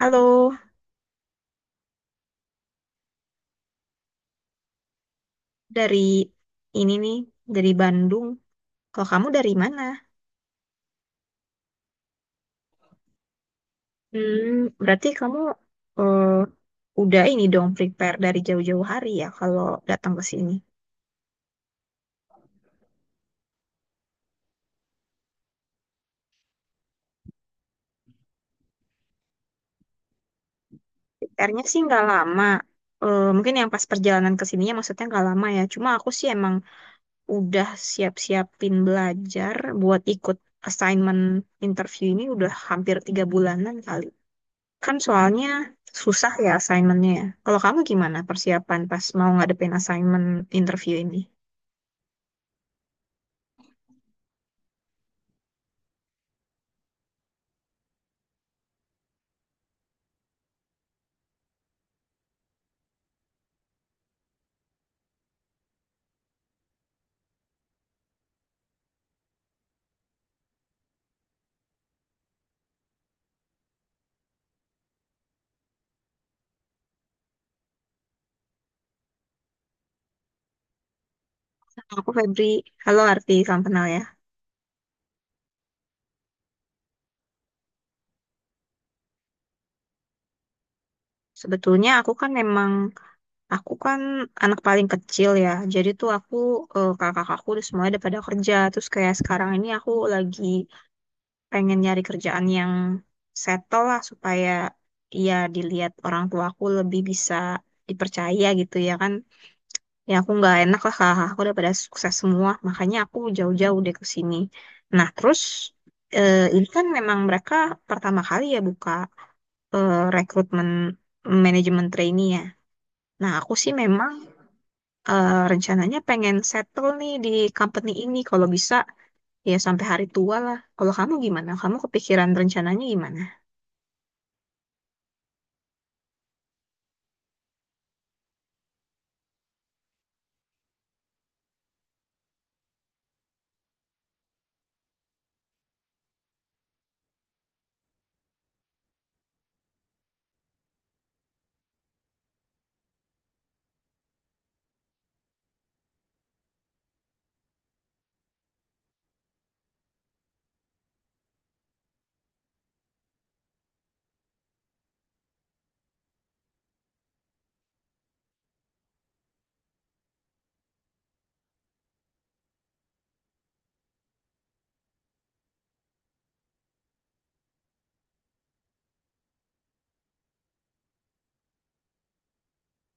Halo, dari ini nih, dari Bandung. Kalau kamu dari mana? Hmm, berarti kamu eh, udah ini dong prepare dari jauh-jauh hari ya kalau datang ke sini. Prepare-nya sih nggak lama. Mungkin yang pas perjalanan ke sininya maksudnya nggak lama ya. Cuma aku sih emang udah siap-siapin belajar buat ikut assignment interview ini udah hampir 3 bulanan kali. Kan soalnya susah ya assignmentnya. Ya, kalau kamu gimana persiapan pas mau ngadepin assignment interview ini? Aku Febri, halo Arti, salam kenal ya. Sebetulnya aku kan memang, aku kan anak paling kecil ya. Jadi tuh aku, kakak-kakakku udah semuanya udah pada kerja. Terus kayak sekarang ini aku lagi pengen nyari kerjaan yang settle lah supaya ya dilihat orang tuaku lebih bisa dipercaya gitu ya kan. Ya aku nggak enak lah, kakak aku udah pada sukses semua, makanya aku jauh-jauh deh ke sini. Nah terus, ini kan memang mereka pertama kali ya buka rekrutmen manajemen trainee ya. Nah aku sih memang rencananya pengen settle nih di company ini kalau bisa ya sampai hari tua lah. Kalau kamu gimana, kamu kepikiran rencananya gimana?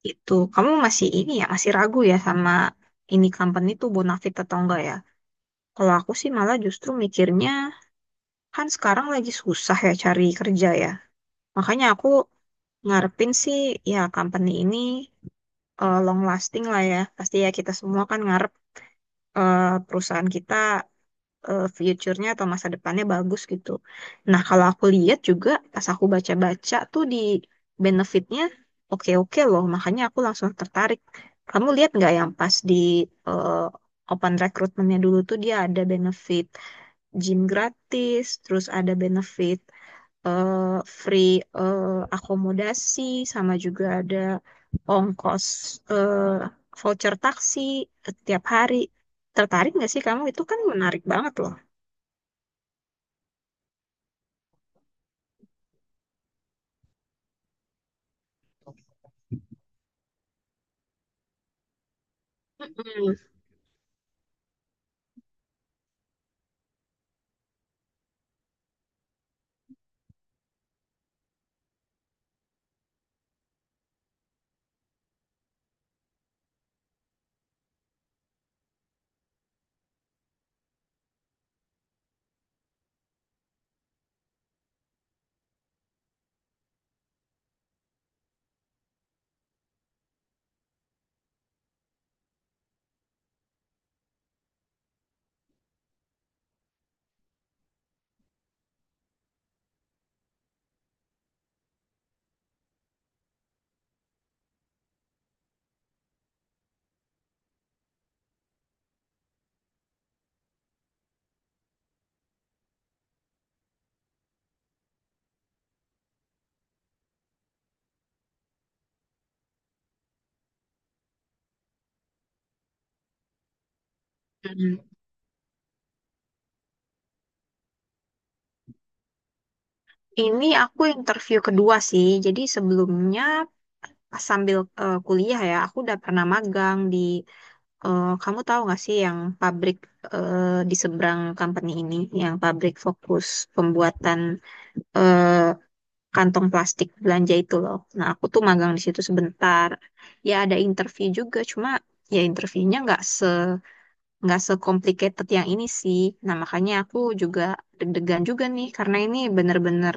Itu kamu masih ini ya, masih ragu ya sama ini company tuh bonafit atau enggak ya. Kalau aku sih malah justru mikirnya, kan sekarang lagi susah ya cari kerja ya. Makanya aku ngarepin sih ya company ini long lasting lah ya. Pasti ya kita semua kan ngarep perusahaan kita future-nya atau masa depannya bagus gitu. Nah kalau aku lihat juga pas aku baca-baca tuh di benefitnya oke-oke loh. Makanya aku langsung tertarik. Kamu lihat nggak yang pas di eh, open recruitment-nya dulu tuh dia ada benefit gym gratis, terus ada benefit free eh, akomodasi, sama juga ada ongkos, eh, voucher taksi tiap hari. Tertarik nggak sih kamu? Itu kan menarik banget loh. Mm-mm, mm-mm. Ini aku interview kedua sih. Jadi sebelumnya pas sambil kuliah ya, aku udah pernah magang di, kamu tahu nggak sih yang pabrik di seberang company ini, yang pabrik fokus pembuatan eh, kantong plastik belanja itu loh. Nah, aku tuh magang di situ sebentar. Ya ada interview juga, cuma ya interviewnya nggak se-complicated yang ini sih. Nah, makanya aku juga deg-degan juga nih karena ini bener-bener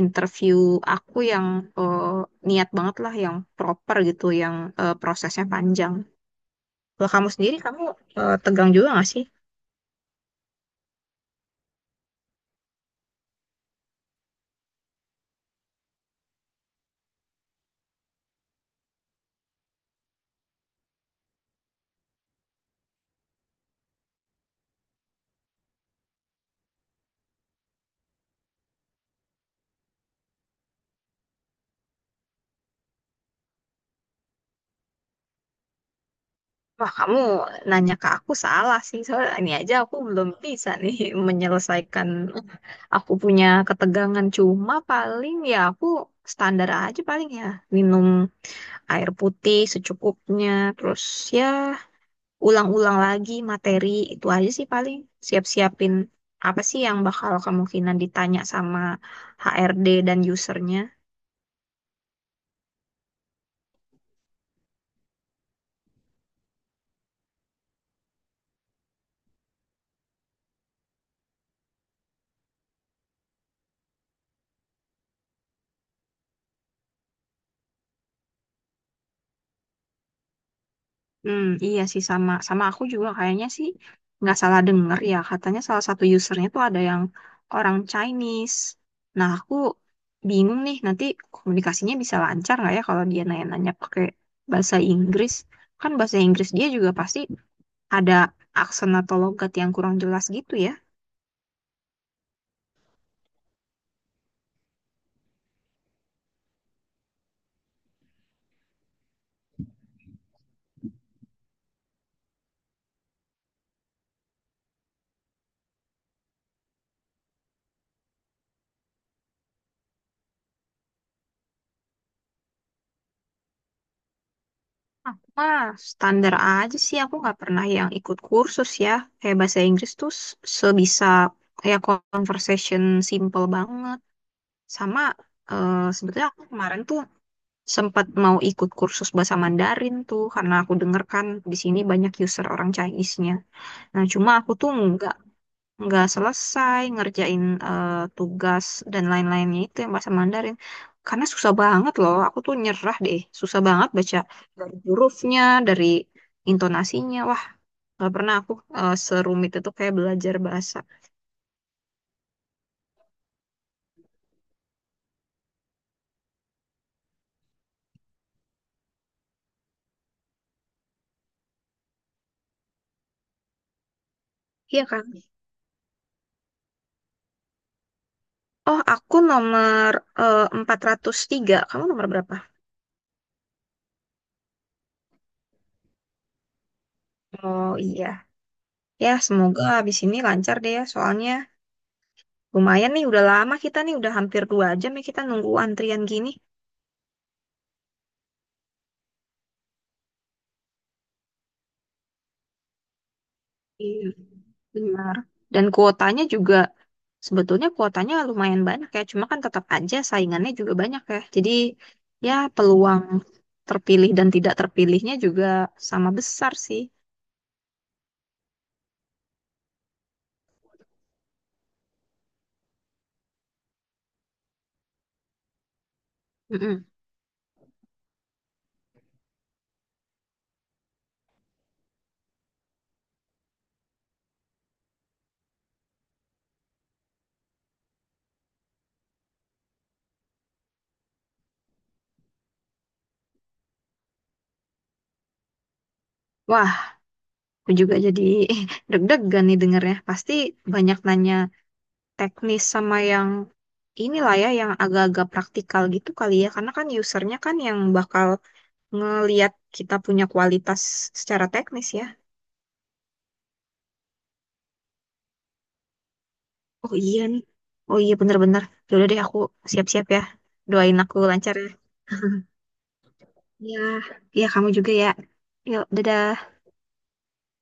interview aku yang eh, niat banget lah, yang proper gitu, yang prosesnya panjang. Kalau kamu sendiri, kamu tegang juga nggak sih? Wah, kamu nanya ke aku salah sih. Soalnya ini aja aku belum bisa nih menyelesaikan aku punya ketegangan. Cuma paling ya aku standar aja, paling ya minum air putih secukupnya, terus ya ulang-ulang lagi materi. Itu aja sih paling, siap-siapin apa sih yang bakal kemungkinan ditanya sama HRD dan usernya. Hmm, iya sih, sama sama aku juga kayaknya sih. Nggak salah denger ya katanya salah satu usernya tuh ada yang orang Chinese. Nah aku bingung nih nanti komunikasinya bisa lancar nggak ya kalau dia nanya-nanya pakai bahasa Inggris? Kan bahasa Inggris dia juga pasti ada aksen atau logat yang kurang jelas gitu ya. Aku mah standar aja sih, aku nggak pernah yang ikut kursus ya. Kayak bahasa Inggris tuh sebisa kayak conversation simple banget. Sama sebetulnya aku kemarin tuh sempat mau ikut kursus bahasa Mandarin tuh karena aku denger kan di sini banyak user orang Chinese-nya. Nah, cuma aku tuh nggak selesai ngerjain tugas dan lain-lainnya itu yang bahasa Mandarin. Karena susah banget loh, aku tuh nyerah deh. Susah banget baca dari hurufnya, dari intonasinya. Wah, nggak pernah aku serumit itu kayak belajar bahasa. Iya kan? Oh, aku nomor 403. Kamu nomor berapa? Oh iya, ya semoga habis ini lancar deh ya. Soalnya lumayan nih, udah lama kita nih, udah hampir 2 jam ya kita nunggu antrian gini. Iya, benar. Dan kuotanya juga, sebetulnya kuotanya lumayan banyak ya. Cuma kan tetap aja saingannya juga banyak ya. Jadi ya peluang terpilih dan tidak terpilihnya juga sama besar sih. Mm-mm. Wah, aku juga jadi deg-degan nih dengernya. Pasti banyak nanya teknis sama yang inilah ya, yang agak-agak praktikal gitu kali ya, karena kan usernya kan yang bakal ngeliat kita punya kualitas secara teknis ya. Oh iya nih, oh iya bener-bener. Yaudah deh, aku siap-siap ya. Doain aku lancar ya. Ya, ya kamu juga ya. Yuk dadah.